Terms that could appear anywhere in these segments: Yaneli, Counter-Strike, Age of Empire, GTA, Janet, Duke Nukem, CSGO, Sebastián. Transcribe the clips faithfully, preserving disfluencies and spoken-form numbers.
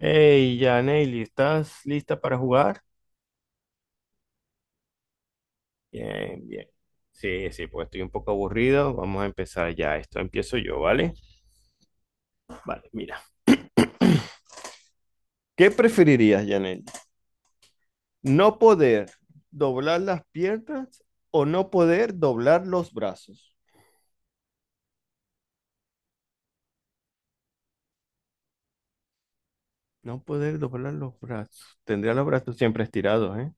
Hey, ya, Neily, ¿estás lista para jugar? Bien, bien. Sí, sí, pues estoy un poco aburrido. Vamos a empezar ya. Esto empiezo yo, ¿vale? Vale, mira. ¿Qué preferirías, Yaneli? ¿No poder doblar las piernas o no poder doblar los brazos? No poder doblar los brazos. Tendría los brazos siempre estirados, ¿eh?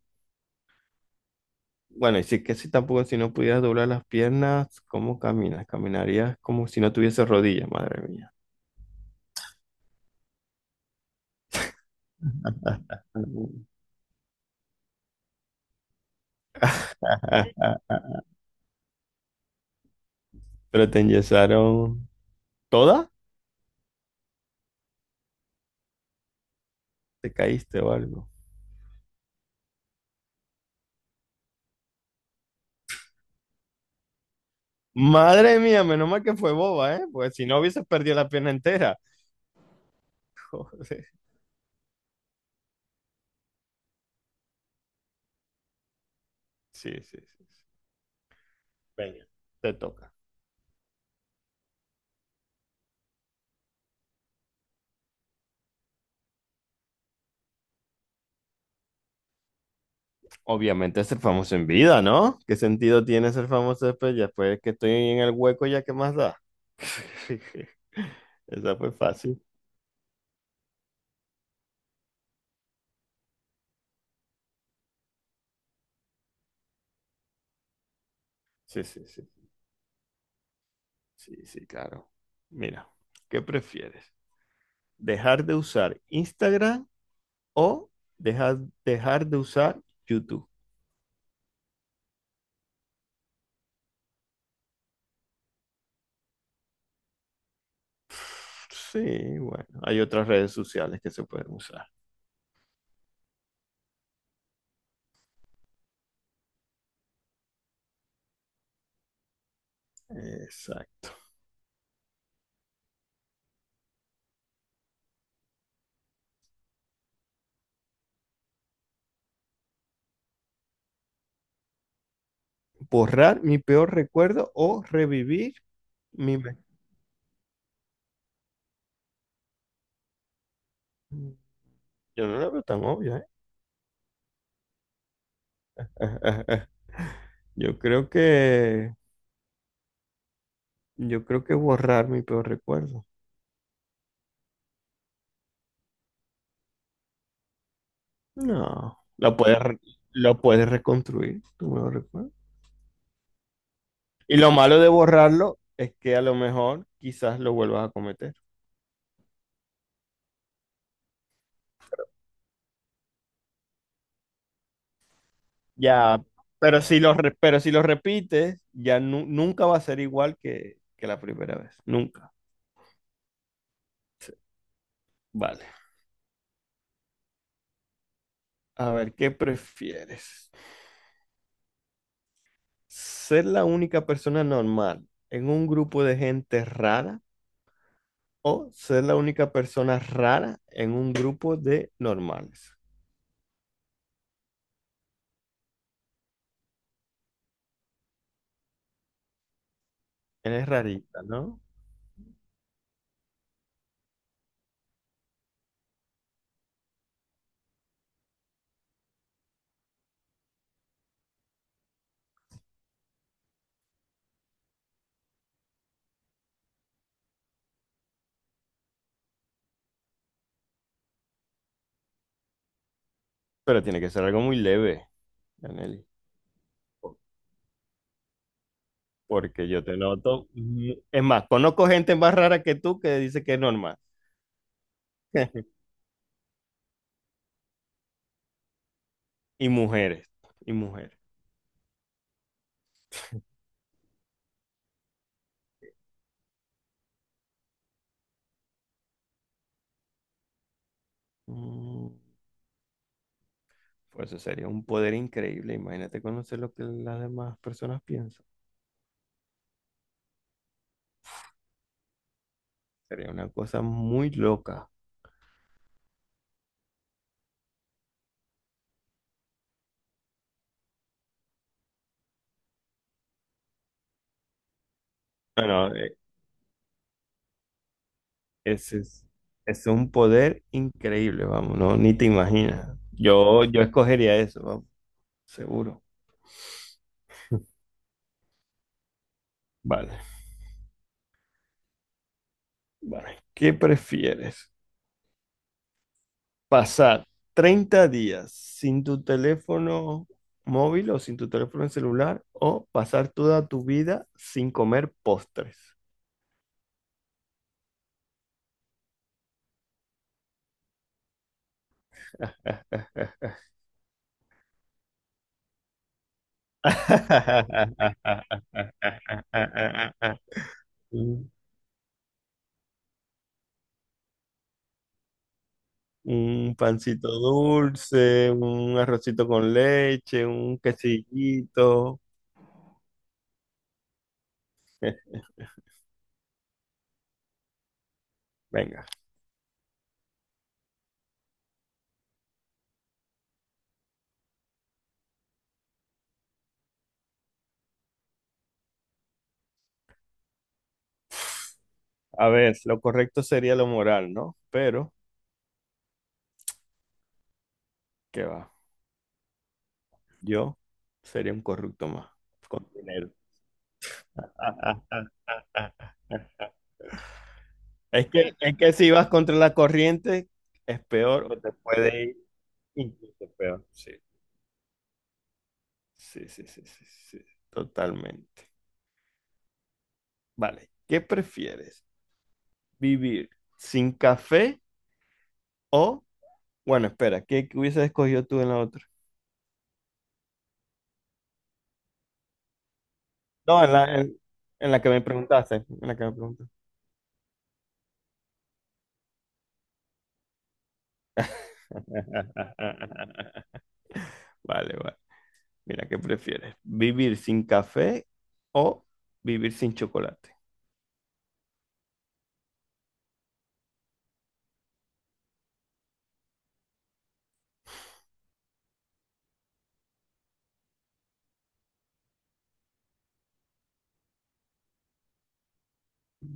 Bueno, y sí que si tampoco si no pudieras doblar las piernas, ¿cómo caminas? Caminarías como si no tuviese rodillas, madre mía. Pero te enyesaron toda, te caíste o algo. Madre mía, menos mal que fue boba, ¿eh? Pues si no hubieses perdido la pierna entera. Joder. Sí, sí, sí. Sí. Venga, te toca. Obviamente ser famoso en vida, ¿no? ¿Qué sentido tiene ser famoso después? Ya después que estoy en el hueco, ¿ya qué más da? Esa fue fácil. Sí, sí, sí. Sí, sí, claro. Mira, ¿qué prefieres? ¿Dejar de usar Instagram o dejar, dejar de usar YouTube? Sí, bueno, hay otras redes sociales que se pueden usar. Exacto. Borrar mi peor recuerdo o revivir mi... me- Yo no la veo tan obvia, ¿eh? Yo creo que... Yo creo que borrar mi peor recuerdo. No, lo puedes, re- lo puedes reconstruir, tu mejor recuerdo. Y lo malo de borrarlo es que a lo mejor quizás lo vuelvas a cometer. Ya, pero si lo, re- pero si lo repites, ya nu- nunca va a ser igual que, que la primera vez. Nunca. Vale. A ver, ¿qué prefieres? ¿Ser la única persona normal en un grupo de gente rara o ser la única persona rara en un grupo de normales? Eres rarita, ¿no? Pero tiene que ser algo muy leve, Yaneli. por- Porque yo te noto. mu- Es más, conozco gente más rara que tú que dice que es normal. Y mujeres. Y mujeres. Mm, Pues eso sería un poder increíble. Imagínate conocer lo que las demás personas piensan. Sería una cosa muy loca. Bueno, eh, ese es, ese es un poder increíble, vamos, no, ni te imaginas. Yo, yo escogería eso, vamos, seguro. Vale, vale. ¿Qué prefieres? ¿Pasar treinta días sin tu teléfono móvil o sin tu teléfono celular o pasar toda tu vida sin comer postres? Un un pancito dulce, un arrocito con leche, un quesillito. Eh, Venga, a ver, lo correcto sería lo moral, ¿no? Pero, ¿qué va? Yo sería un corrupto más, con dinero. Es que, es que si vas contra la corriente, es peor o te puede ir incluso peor. Sí, sí, sí, sí, sí, sí, totalmente. Vale, ¿qué prefieres? ¿Vivir sin café o, bueno, espera, ¿qué, qué hubieses escogido tú en la otra? No, en la, en, en la que me preguntaste, en la que me preguntaste. Vale, vale. Mira, ¿qué prefieres? ¿Vivir sin café o vivir sin chocolate?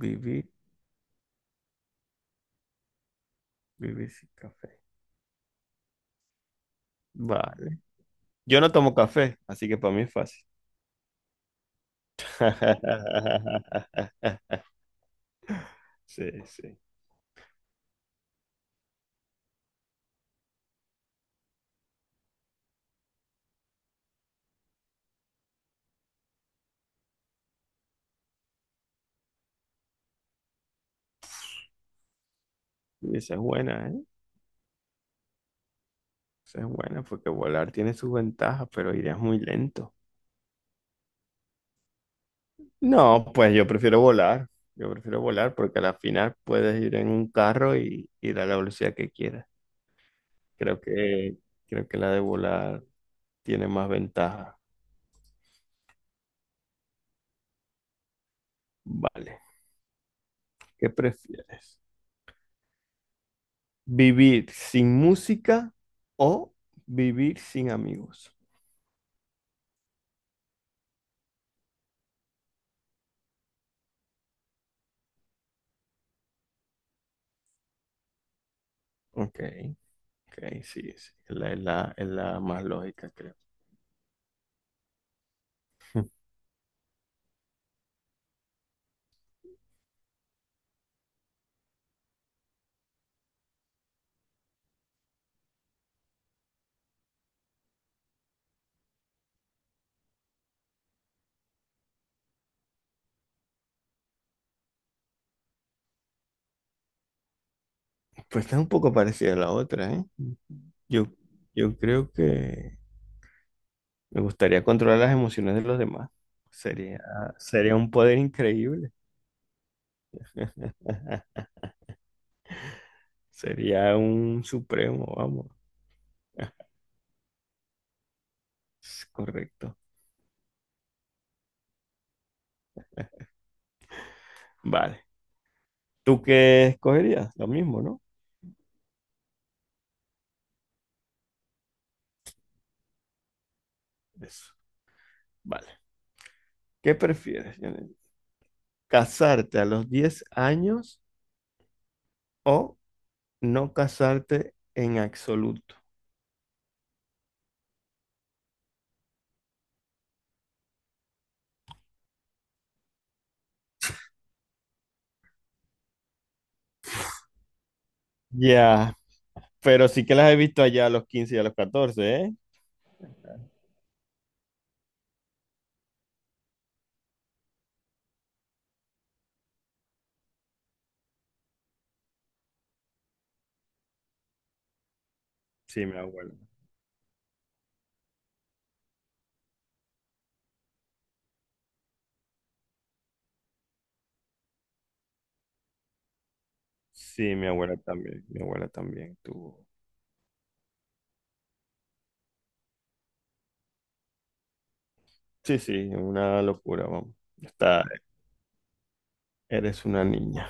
Vivir, vivir sin café. Vale. Yo no tomo café, así que para mí es fácil. Sí, sí. Esa es buena, ¿eh? Eso es bueno, porque volar tiene sus ventajas, pero irías muy lento. No, pues yo prefiero volar. Yo prefiero volar porque a la final puedes ir en un carro y ir a la velocidad que quieras. Creo que, creo que la de volar tiene más ventajas. Vale. ¿Qué prefieres? ¿Vivir sin música o vivir sin amigos? Ok, ok, sí, sí. Es la, es la, es la más lógica, creo. Pues está un poco parecida a la otra, ¿eh? Yo, yo creo que me gustaría controlar las emociones de los demás. Sería, sería un poder increíble. Sería un supremo, vamos. Es correcto. Vale. ¿Tú qué escogerías? Lo mismo, ¿no? Eso. Vale. ¿Qué prefieres, Janet? ¿Casarte a los diez años o no casarte en absoluto? Ya, pero sí que las he visto allá a los quince y a los catorce, ¿eh? Sí, mi abuela. Sí, mi abuela también. Mi abuela también tuvo. Sí, sí, una locura, vamos. Está, Eres una niña.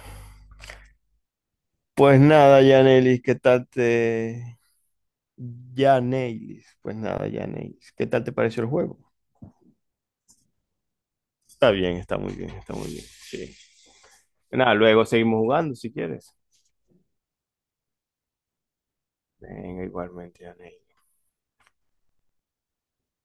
Pues nada, Yanelis, ¿qué tal te... Yanelis, pues nada, Yanelis, ¿qué tal te pareció el juego? Está bien, está muy bien, está muy bien. Sí. Nada, luego seguimos jugando si quieres. Venga, igualmente, Yanelis.